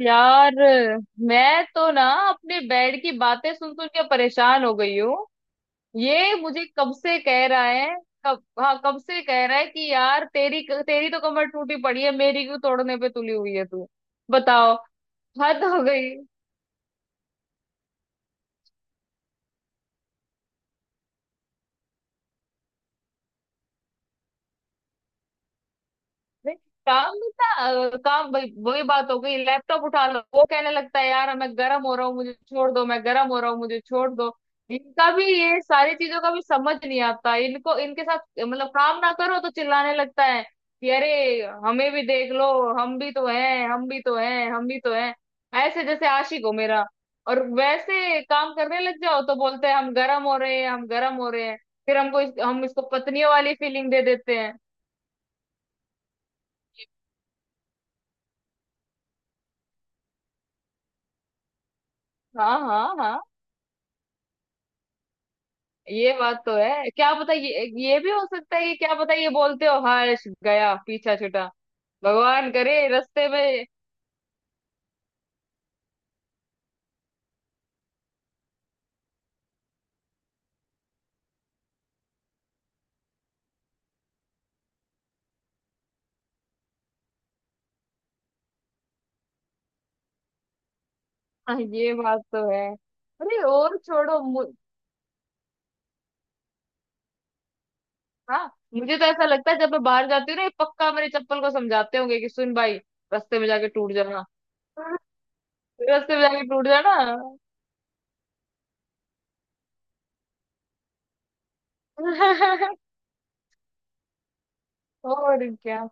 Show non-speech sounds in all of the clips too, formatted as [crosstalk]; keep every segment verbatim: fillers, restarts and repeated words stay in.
यार, मैं तो ना अपने बेड की बातें सुन सुन के परेशान हो गई हूँ। ये मुझे कब से कह रहा है। कब हाँ, कब से कह रहा है कि यार, तेरी तेरी तो कमर टूटी पड़ी है, मेरी क्यों तोड़ने पे तुली हुई है तू। बताओ, हद हो गई। नहीं, काम नहीं था। अ, काम वही वही बात हो गई। लैपटॉप उठा लो, वो कहने लगता है यार मैं गर्म हो रहा हूँ मुझे छोड़ दो, मैं गर्म हो रहा हूँ मुझे छोड़ दो। इनका भी, ये सारी चीजों का भी समझ नहीं आता इनको, इनके साथ मतलब काम ना करो तो चिल्लाने लगता है कि अरे हमें भी देख लो, हम भी तो हैं, हम भी तो हैं, हम भी तो हैं। ऐसे जैसे आशिक हो मेरा। और वैसे काम करने लग जाओ तो बोलते हैं हम गर्म हो रहे हैं, हम गर्म हो रहे हैं। फिर हमको इस, हम इसको पत्नियों वाली फीलिंग दे देते हैं। हाँ, हाँ, हाँ, ये बात तो है। क्या पता, ये ये भी हो सकता है कि क्या पता, ये बोलते हो हर्ष गया, पीछा छूटा। भगवान करे रास्ते में। हाँ, ये बात तो है। अरे, और छोड़ो मु, हाँ। मुझे तो ऐसा लगता है, जब मैं बाहर जाती हूँ ना ये पक्का मेरे चप्पल को समझाते होंगे कि सुन भाई, रास्ते में जाके टूट जाना, रास्ते में जाके टूट जाना। [laughs] और क्या।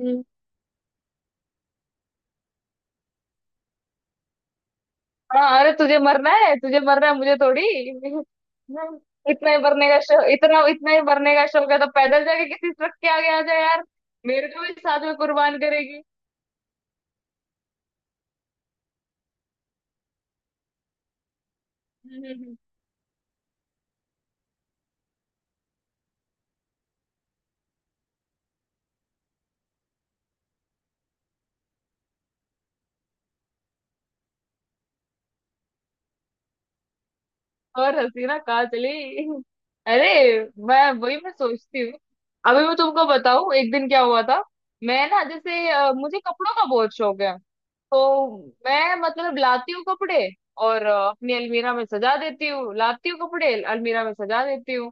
हम्म। हाँ, अरे तुझे मरना है, तुझे मरना है, मुझे थोड़ी। इतना ही मरने का शौक इतना इतना ही मरने का शौक है तो पैदल जाके किसी ट्रक के आगे आ जाए यार। मेरे को भी साथ में कुर्बान करेगी। और हसीना कहाँ चली। अरे, मैं वही मैं सोचती हूँ, अभी मैं तुमको बताऊँ एक दिन क्या हुआ था। मैं ना जैसे अ, मुझे कपड़ों का बहुत शौक है। तो मैं मतलब लाती हूँ कपड़े और अ, अपनी अलमीरा में सजा देती हूँ, लाती हूँ कपड़े अलमीरा में सजा देती हूँ।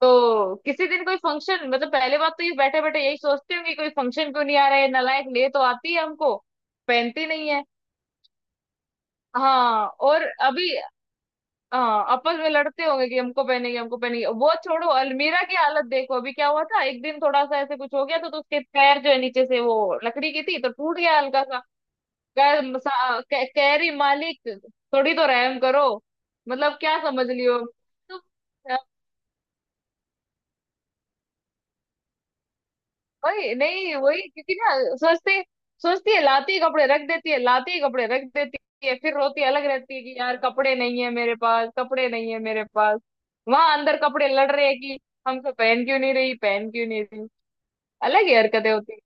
तो किसी दिन कोई फंक्शन, मतलब पहले बात तो ये बैठे बैठे यही सोचते होंगे कोई फंक्शन क्यों नहीं आ रहा है, नलायक ले तो आती है हमको, पहनती नहीं है। हाँ, और अभी हाँ, आपस में लड़ते होंगे कि हमको पहनेगी, हमको पहनेगी, वो छोड़ो, अलमीरा की हालत देखो। अभी क्या हुआ था एक दिन थोड़ा सा ऐसे कुछ हो गया तो, तो उसके पैर जो है नीचे से, वो लकड़ी की थी, तो टूट गया हल्का सा। कह, सा- कह, कह रही मालिक, थोड़ी तो रहम करो। मतलब क्या समझ लियो। वही नहीं, वही क्योंकि ना सोचते सोचती है, लाती है कपड़े रख देती है, लाती है कपड़े रख देती है, फिर रोती अलग रहती है कि यार कपड़े नहीं है मेरे पास, कपड़े नहीं है मेरे पास। वहां अंदर कपड़े लड़ रहे हैं कि हमको पहन क्यों नहीं रही, पहन क्यों नहीं रही। अलग ही हरकतें होती हैं।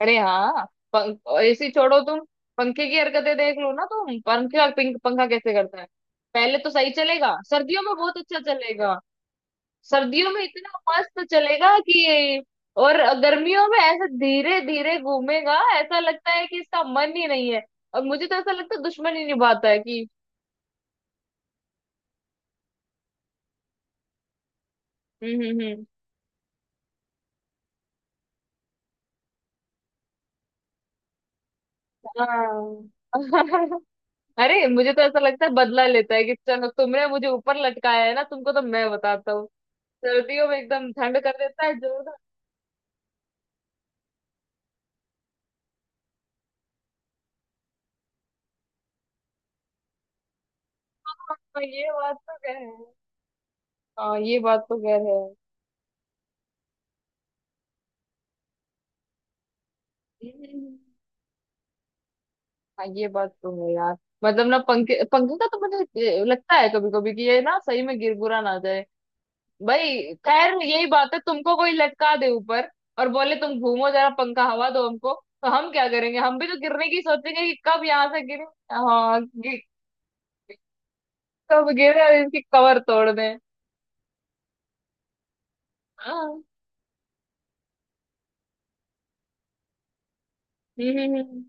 अरे, हाँ, पंख ऐसी छोड़ो तुम, पंखे की हरकतें देख लो ना तुम, पंखा पिंक पंखा कैसे करता है। पहले तो सही चलेगा, सर्दियों में बहुत अच्छा चलेगा, सर्दियों में इतना मस्त चलेगा कि, और गर्मियों में ऐसा धीरे धीरे घूमेगा, ऐसा लगता है कि इसका मन ही नहीं है। और मुझे तो ऐसा लगता है दुश्मन ही निभाता है कि। हम्म, हम्म, हम्म। हाँ। [laughs] अरे, मुझे तो ऐसा लगता है बदला लेता है कि चलो तुमने मुझे ऊपर लटकाया है ना, तुमको तो मैं बताता हूँ, सर्दियों में एकदम ठंड कर देता है जो। हाँ, ये बात तो कह हाँ, ये बात तो कह रहे हैं। हाँ, ये बात तो है यार। मतलब ना, पंखे पंखे का तो मुझे ए, लगता है कभी कभी कि ये ना सही में गिरगुरा ना। भाई खैर यही बात है, तुमको कोई लटका दे ऊपर और बोले तुम घूमो जरा, पंखा हवा दो हमको, तो हम क्या करेंगे, हम भी तो गिरने की सोचेंगे कि कब यहाँ से गिरे। हाँ गि, कब गिरे और इसकी कवर तोड़ दें। हाँ, हम्म, हम्म, हम्म।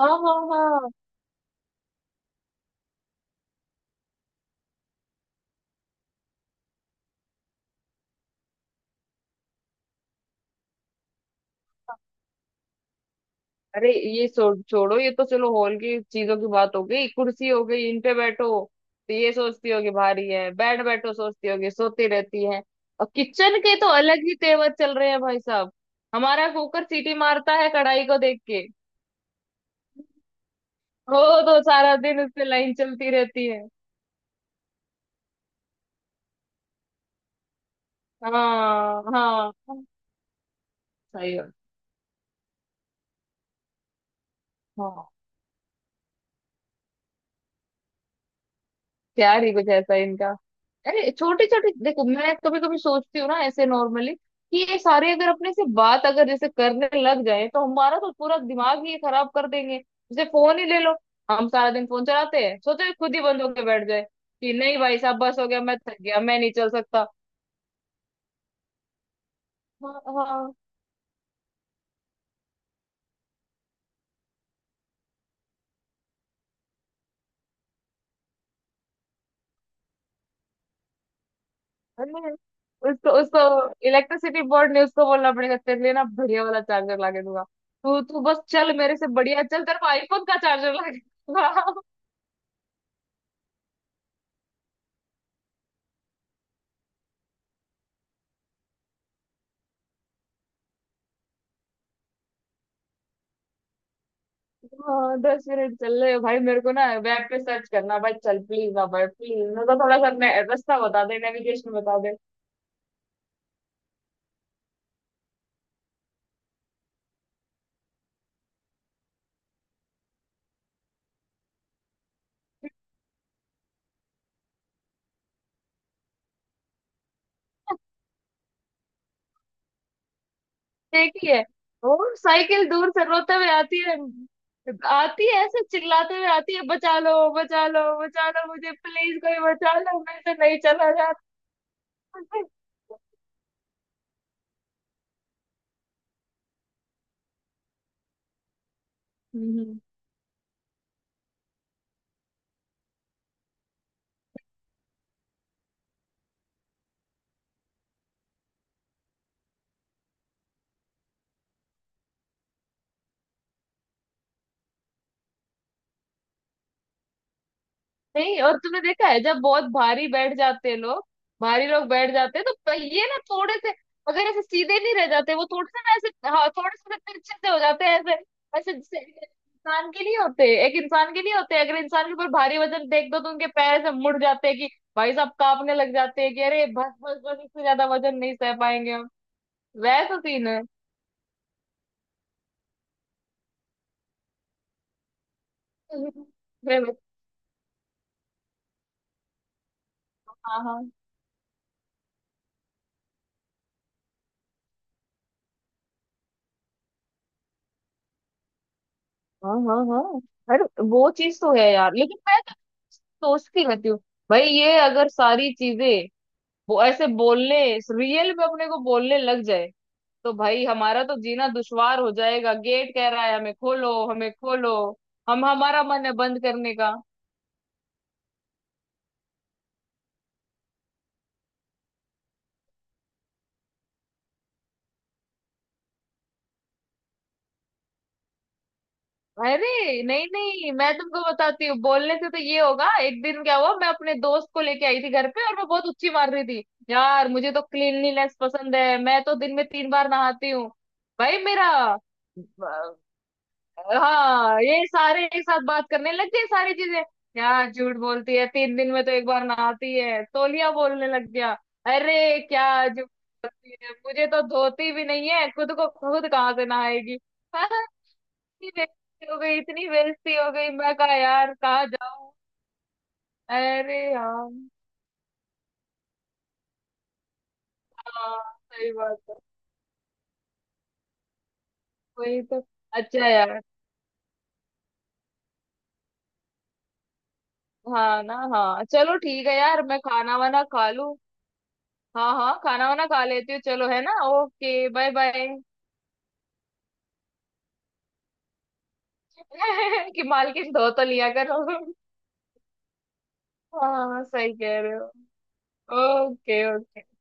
हाँ, हाँ, हाँ। अरे ये छोड़ छोड़ो, ये तो चलो हॉल की चीजों की बात हो गई, कुर्सी हो गई, इन पे बैठो तो ये सोचती होगी भारी है, बेड बैठो सोचती होगी, सोती रहती है। और किचन के तो अलग ही तेवर चल रहे हैं भाई साहब। हमारा कुकर सीटी मारता है कढ़ाई को देख के, वो तो सारा दिन उससे लाइन चलती रहती है। हाँ, हाँ, सही है। हाँ, प्यार ही कुछ ऐसा है इनका। अरे, छोटे छोटे देखो, मैं कभी कभी सोचती हूँ ना ऐसे नॉर्मली कि ये सारे अगर अपने से बात अगर जैसे करने लग जाए तो हमारा तो पूरा दिमाग ही खराब कर देंगे। जैसे फोन ही ले लो, हम सारा दिन फोन चलाते हैं, सोचो ये खुद ही बंद होके बैठ जाए कि नहीं भाई साहब, बस हो गया, मैं थक गया, मैं नहीं चल सकता। हाँ। अरे उसको उसको इलेक्ट्रिसिटी बोर्ड ने उसको बोलना पड़ेगा तेरे लिए ना बढ़िया वाला चार्जर ला के दूंगा, तू तू बस चल, मेरे से बढ़िया चल तेरे को आईफोन का चार्जर ला के दूंगा। हाँ, दस मिनट चल रहे हो भाई, मेरे को ना वेब पे सर्च करना भाई, चल प्लीज ना भाई, प्लीज मेरे को थोड़ा सा ने- रास्ता बता दे, नेविगेशन बता दे। ठीक ही है, वो साइकिल दूर से रोते हुए आती है, आती है ऐसे चिल्लाते हुए आती है, बचा लो, बचा लो, बचा लो मुझे प्लीज, कोई बचा लो, मैं तो नहीं चला जाता। हम्म। नहीं, और तुमने देखा है जब बहुत भारी बैठ जाते हैं लोग, भारी लोग बैठ जाते हैं तो पहिए ना थोड़े से, अगर ऐसे सीधे नहीं रह जाते, वो थोड़े से ना ऐसे, हाँ, थोड़े से तिरछे से हो जाते हैं ऐसे। ऐसे जैसे इंसान के लिए होते हैं, एक इंसान के लिए होते हैं, अगर इंसान के ऊपर भारी वजन देख दो तो उनके पैर ऐसे मुड़ जाते हैं कि भाई साहब कांपने लग जाते हैं कि अरे बस बस बस इससे ज्यादा वजन नहीं सह पाएंगे हम। वैसा सीन है। [laughs] अरे, हाँ, हाँ, हाँ, हाँ, हाँ, हाँ। अरे, वो चीज तो है यार, लेकिन मैं सोचती रहती हूँ भाई ये अगर सारी चीजें, वो ऐसे बोलने रियल में अपने को बोलने लग जाए तो भाई हमारा तो जीना दुश्वार हो जाएगा। गेट कह रहा है हमें खोलो, हमें खोलो, हम, हमारा मन है बंद करने का। अरे नहीं नहीं, मैं तुमको बताती हूँ, बोलने से तो ये होगा। एक दिन क्या हुआ मैं अपने दोस्त को लेके आई थी घर पे, और मैं बहुत उच्ची मार रही थी, यार मुझे तो क्लीनलीनेस पसंद है, मैं तो दिन में तीन बार नहाती हूँ। भाई मेरा, हाँ, ये सारे एक साथ बात करने लग गए सारी चीजें, यार झूठ बोलती है, तीन दिन में तो एक बार नहाती है, तौलिया बोलने लग गया। अरे, क्या झूठ बोलती है, मुझे तो धोती भी नहीं है खुद को, खुद कहाँ से नहाएगी। हाँ, इतनी बेइज्जती हो गई, इतनी बेइज्जती हो गई, मैं कहा यार कहाँ जाऊं। अरे यार, हाँ, सही बात है, वही तो, अच्छा यार, हाँ ना, हाँ, चलो ठीक है यार, मैं खाना वाना खा लूं। हाँ, हाँ, खाना वाना खा लेती हूँ, चलो है ना, ओके, बाय बाय। [laughs] कि मालकिन धो तो लिया करो। हाँ, सही कह रहे हो, ओके, ओके।